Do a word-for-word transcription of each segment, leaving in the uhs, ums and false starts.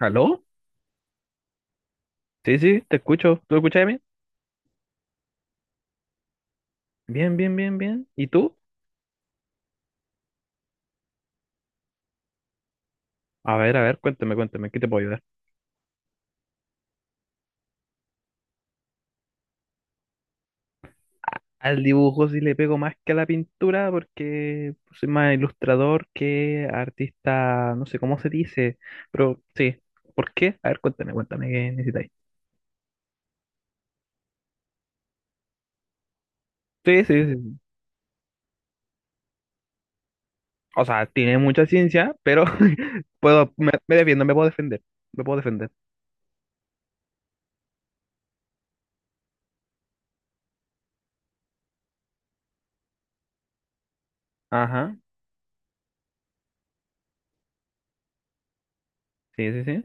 ¿Aló? Sí, sí, te escucho. ¿Tú escuchas bien? Bien, bien, bien, bien. ¿Y tú? A ver, a ver, cuéntame, cuéntame, ¿qué te puedo ayudar? Al dibujo sí le pego más que a la pintura porque soy más ilustrador que artista, no sé cómo se dice, pero sí. ¿Por qué? A ver, cuéntame, cuéntame, ¿qué necesitáis? Sí, sí, sí. O sea, tiene mucha ciencia, pero puedo, me, me defiendo, me puedo defender, me puedo defender. Ajá, sí, sí, sí.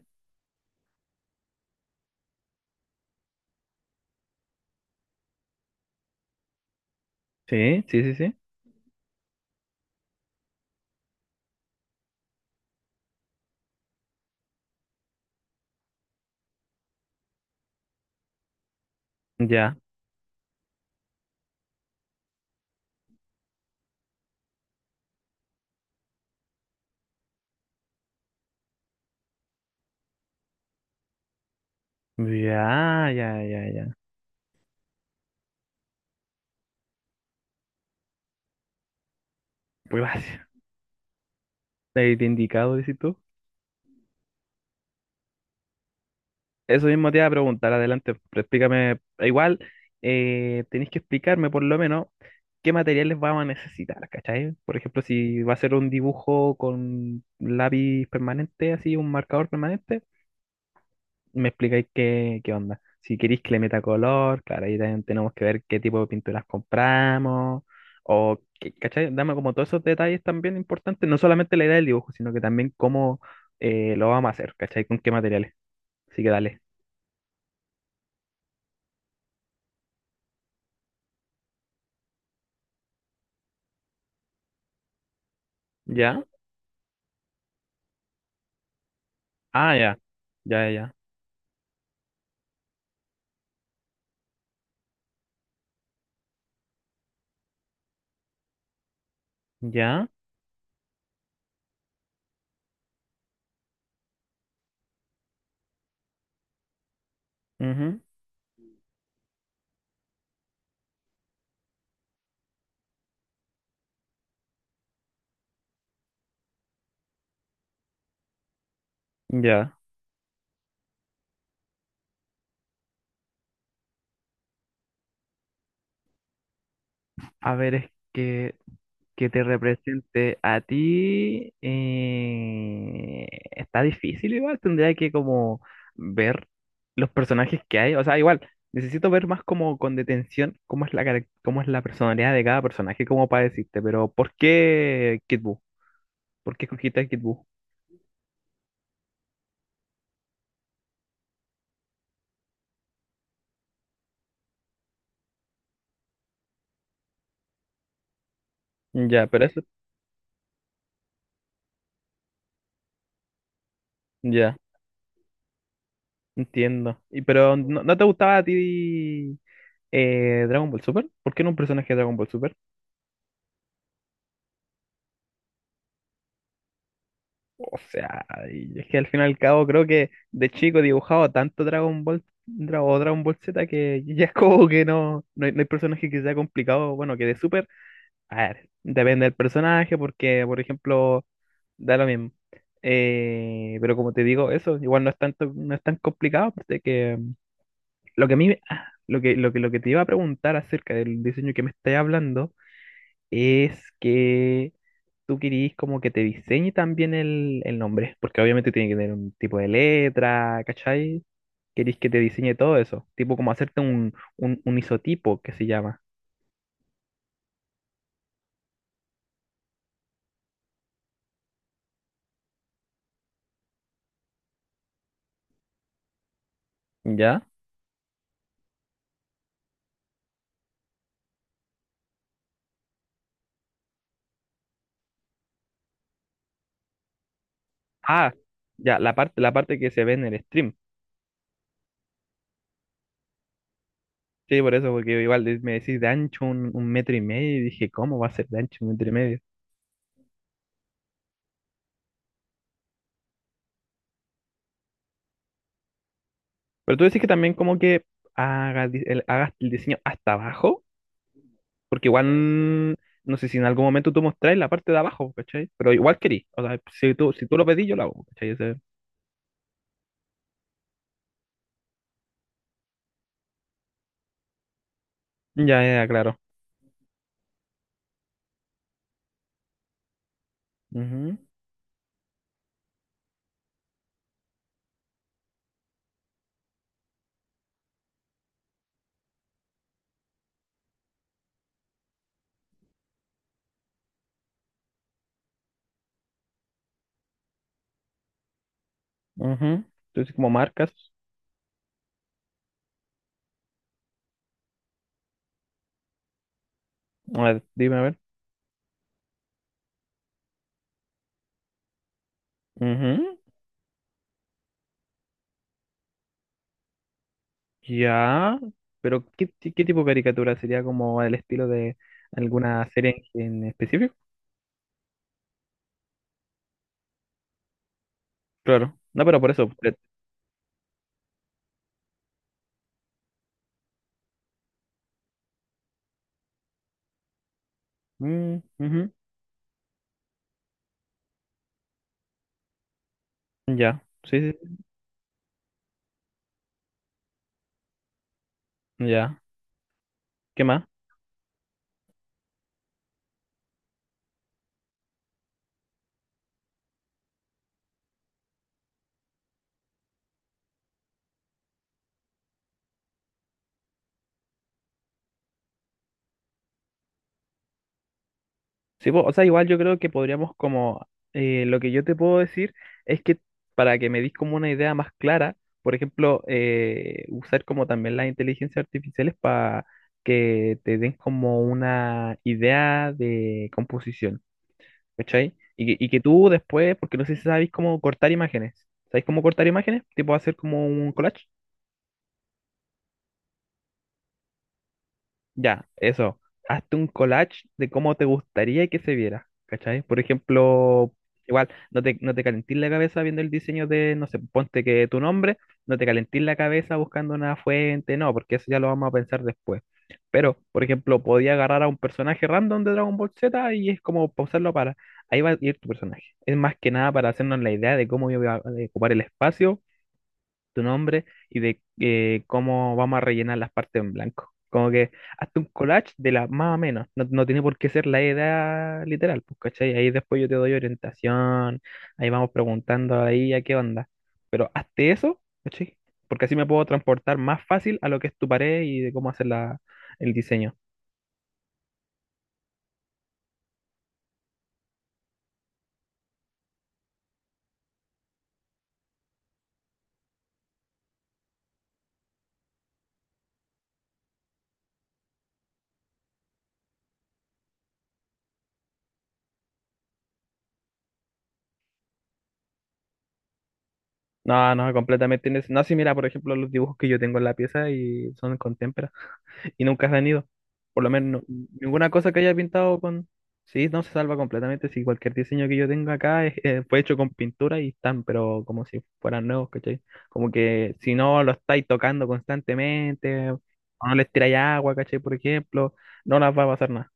Sí, sí, sí, sí. Ya, ya, ya, ya, ya. Muy básico. De indicado, dices tú. Eso mismo te iba a preguntar, adelante, pero explícame. Igual, eh, tenéis que explicarme por lo menos qué materiales vamos a necesitar, ¿cachai? Por ejemplo, si va a ser un dibujo con lápiz permanente, así, un marcador permanente, me explicáis qué, qué onda. Si queréis que le meta color, claro, ahí también tenemos que ver qué tipo de pinturas compramos, o, qué— ¿cachai? Dame como todos esos detalles también importantes, no solamente la idea del dibujo, sino que también cómo eh, lo vamos a hacer, ¿cachai? Con qué materiales. Así que dale. ¿Ya? Ah, ya. Ya, ya, ya. Ya. Ujú. Ya. A ver, es que, que te represente a ti. Eh, está difícil igual. Tendría que como ver los personajes que hay. O sea, igual, necesito ver más como con detención cómo es la, carac— cómo es la personalidad de cada personaje, cómo para decirte. Pero, ¿por qué Kid Buu? ¿Por qué escogiste a Kid Buu? Ya, pero eso. Ya, entiendo. Y pero no, no te gustaba a ti. Eh, Dragon Ball Super. ¿Por qué no un personaje de Dragon Ball Super? O sea, y es que al fin y al cabo creo que de chico dibujaba tanto Dragon Ball Dra— o Dragon Ball Z que ya es como que no, no hay, no hay personaje que sea complicado. Bueno, que de Super, a ver, depende del personaje porque, por ejemplo, da lo mismo. Eh, pero como te digo, eso igual no es tanto, no es tan complicado, pues. De que lo que a mí, me- ah, lo que, lo que, lo que te iba a preguntar acerca del diseño que me estás hablando es que tú querís como que te diseñe también el, el nombre, porque obviamente tiene que tener un tipo de letra, ¿cachai? Querís que te diseñe todo eso, tipo como hacerte un, un, un isotipo que se llama, ¿ya? Ah, ya, la parte, la parte que se ve en el stream. Sí, por eso, porque igual de— me decís de ancho un, un metro y medio y dije, ¿cómo va a ser de ancho un metro y medio? Pero tú decís que también como que hagas, di— el— hagas el diseño hasta abajo. Porque igual, no sé si en algún momento tú mostráis la parte de abajo, ¿cachai? Pero igual querí. O sea, si tú, si tú lo pedís, yo lo hago, ¿cachai? Ese— ya, ya, claro. Ujú, ujú. Entonces, como marcas, a ver, dime a ver. Ujú. Ya, pero ¿qué, ti— qué tipo de caricatura? ¿Sería como el estilo de alguna serie en, en específico? Claro. No, pero por eso. Pre— mm, ujú. Ya, sí, sí, sí. Ya. ¿Qué más? Sí, po, o sea, igual yo creo que podríamos como, eh, lo que yo te puedo decir es que para que me dis como una idea más clara, por ejemplo, eh, usar como también las inteligencias artificiales para que te den como una idea de composición, ¿cachai? Y que, y que tú después, porque no sé si sabéis cómo cortar imágenes, ¿sabéis cómo cortar imágenes? Tipo hacer como un collage. Ya, eso. Hazte un collage de cómo te gustaría que se viera, ¿cachai? Por ejemplo, igual, no te, no te calentís la cabeza viendo el diseño de, no sé, ponte que tu nombre, no te calentís la cabeza buscando una fuente, no, porque eso ya lo vamos a pensar después. Pero, por ejemplo, podía agarrar a un personaje random de Dragon Ball Z y es como pausarlo para, ahí va a ir tu personaje. Es más que nada para hacernos la idea de cómo iba a ocupar el espacio tu nombre y de eh, cómo vamos a rellenar las partes en blanco. Como que hazte un collage de la más o menos. No, no tiene por qué ser la edad literal, pues, ¿cachai? Ahí después yo te doy orientación, ahí vamos preguntando ahí a qué onda. Pero hazte eso, ¿cachai? Porque así me puedo transportar más fácil a lo que es tu pared y de cómo hacer la, el diseño. No, no, completamente. Innece— no, si mira, por ejemplo, los dibujos que yo tengo en la pieza y son con témpera. Y nunca se han ido. Por lo menos no— ninguna cosa que haya pintado con... Sí, no se salva completamente. Si cualquier diseño que yo tenga acá es— eh, fue hecho con pintura y están, pero como si fueran nuevos, ¿cachai? Como que si no lo estáis tocando constantemente, o no les tiráis agua, ¿cachai? Por ejemplo, no las va a pasar nada.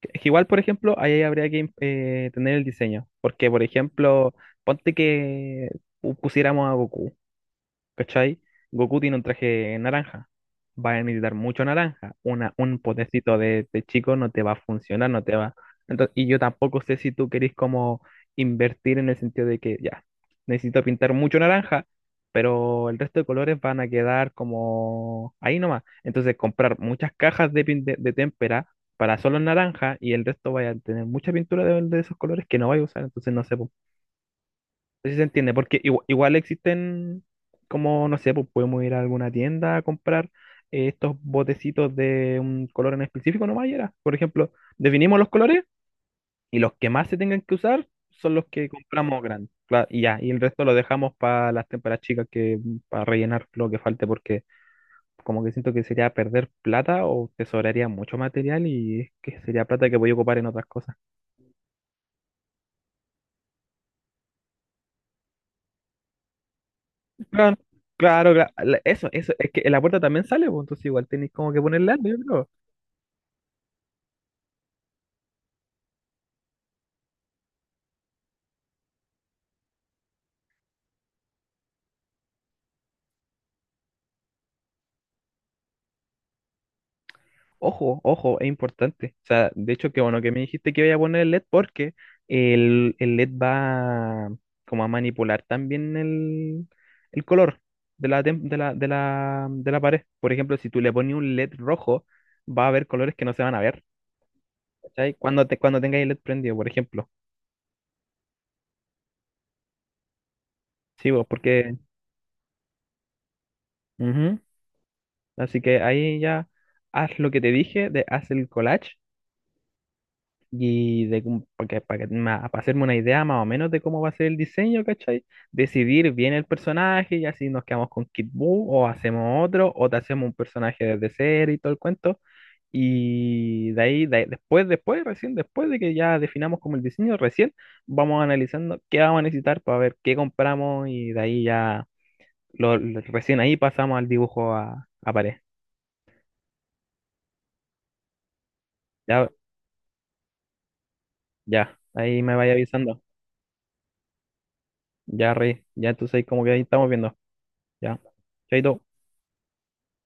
Que— que igual, por ejemplo, ahí habría que eh, tener el diseño. Porque, por ejemplo, ponte que pu— pusiéramos a Goku. ¿Cachai? Goku tiene un traje naranja. Va a necesitar mucho naranja. Una, un potecito de, de chico no te va a funcionar, no te va. Entonces, y yo tampoco sé si tú querés como invertir en el sentido de que ya, necesito pintar mucho naranja, pero el resto de colores van a quedar como ahí nomás. Entonces, comprar muchas cajas de, pin— de, de témpera para solo naranja y el resto vaya a tener mucha pintura de, de esos colores que no vaya a usar. Entonces, no sé, po. No sé si se entiende, porque igu— igual, existen, como no sé, pues podemos ir a alguna tienda a comprar eh, estos botecitos de un color en específico, nomás y era. Por ejemplo, definimos los colores y los que más se tengan que usar son los que compramos grandes. Claro, y ya, y el resto lo dejamos para las témperas chicas que para rellenar lo que falte, porque como que siento que sería perder plata o tesoraría mucho material y es que sería plata que voy a ocupar en otras cosas. Claro, claro, cla— la— Eso, eso, es que la puerta también sale, pues, entonces igual tenéis como que poner LED, yo creo. Ojo, ojo, es importante. O sea, de hecho, que bueno que me dijiste que voy a poner el LED porque el, el LED va como a manipular también el, el color de la, tem— de la, de la, de la pared. Por ejemplo, si tú le pones un LED rojo, va a haber colores que no se van a ver, ¿cachai? Cuando, te, cuando tengáis el LED prendido, por ejemplo. Sí, vos porque... Ujú. Así que ahí ya haz lo que te dije, de, haz el collage. Y de, cómo— porque, para, que— ma— para hacerme una idea más o menos de cómo va a ser el diseño, ¿cachai? Decidir bien el personaje y así nos quedamos con Kid Buu o hacemos otro o te hacemos un personaje desde cero y todo el cuento. Y de ahí, de ahí— después, después, recién después de que ya definamos como el diseño, recién vamos analizando qué vamos a necesitar para ver qué compramos y de ahí ya, lo, lo- recién ahí pasamos al dibujo a, a pared. Ya, ya, ahí me vaya avisando. Ya, Rey, ya entonces ahí como que ahí estamos viendo. Ya, chaito.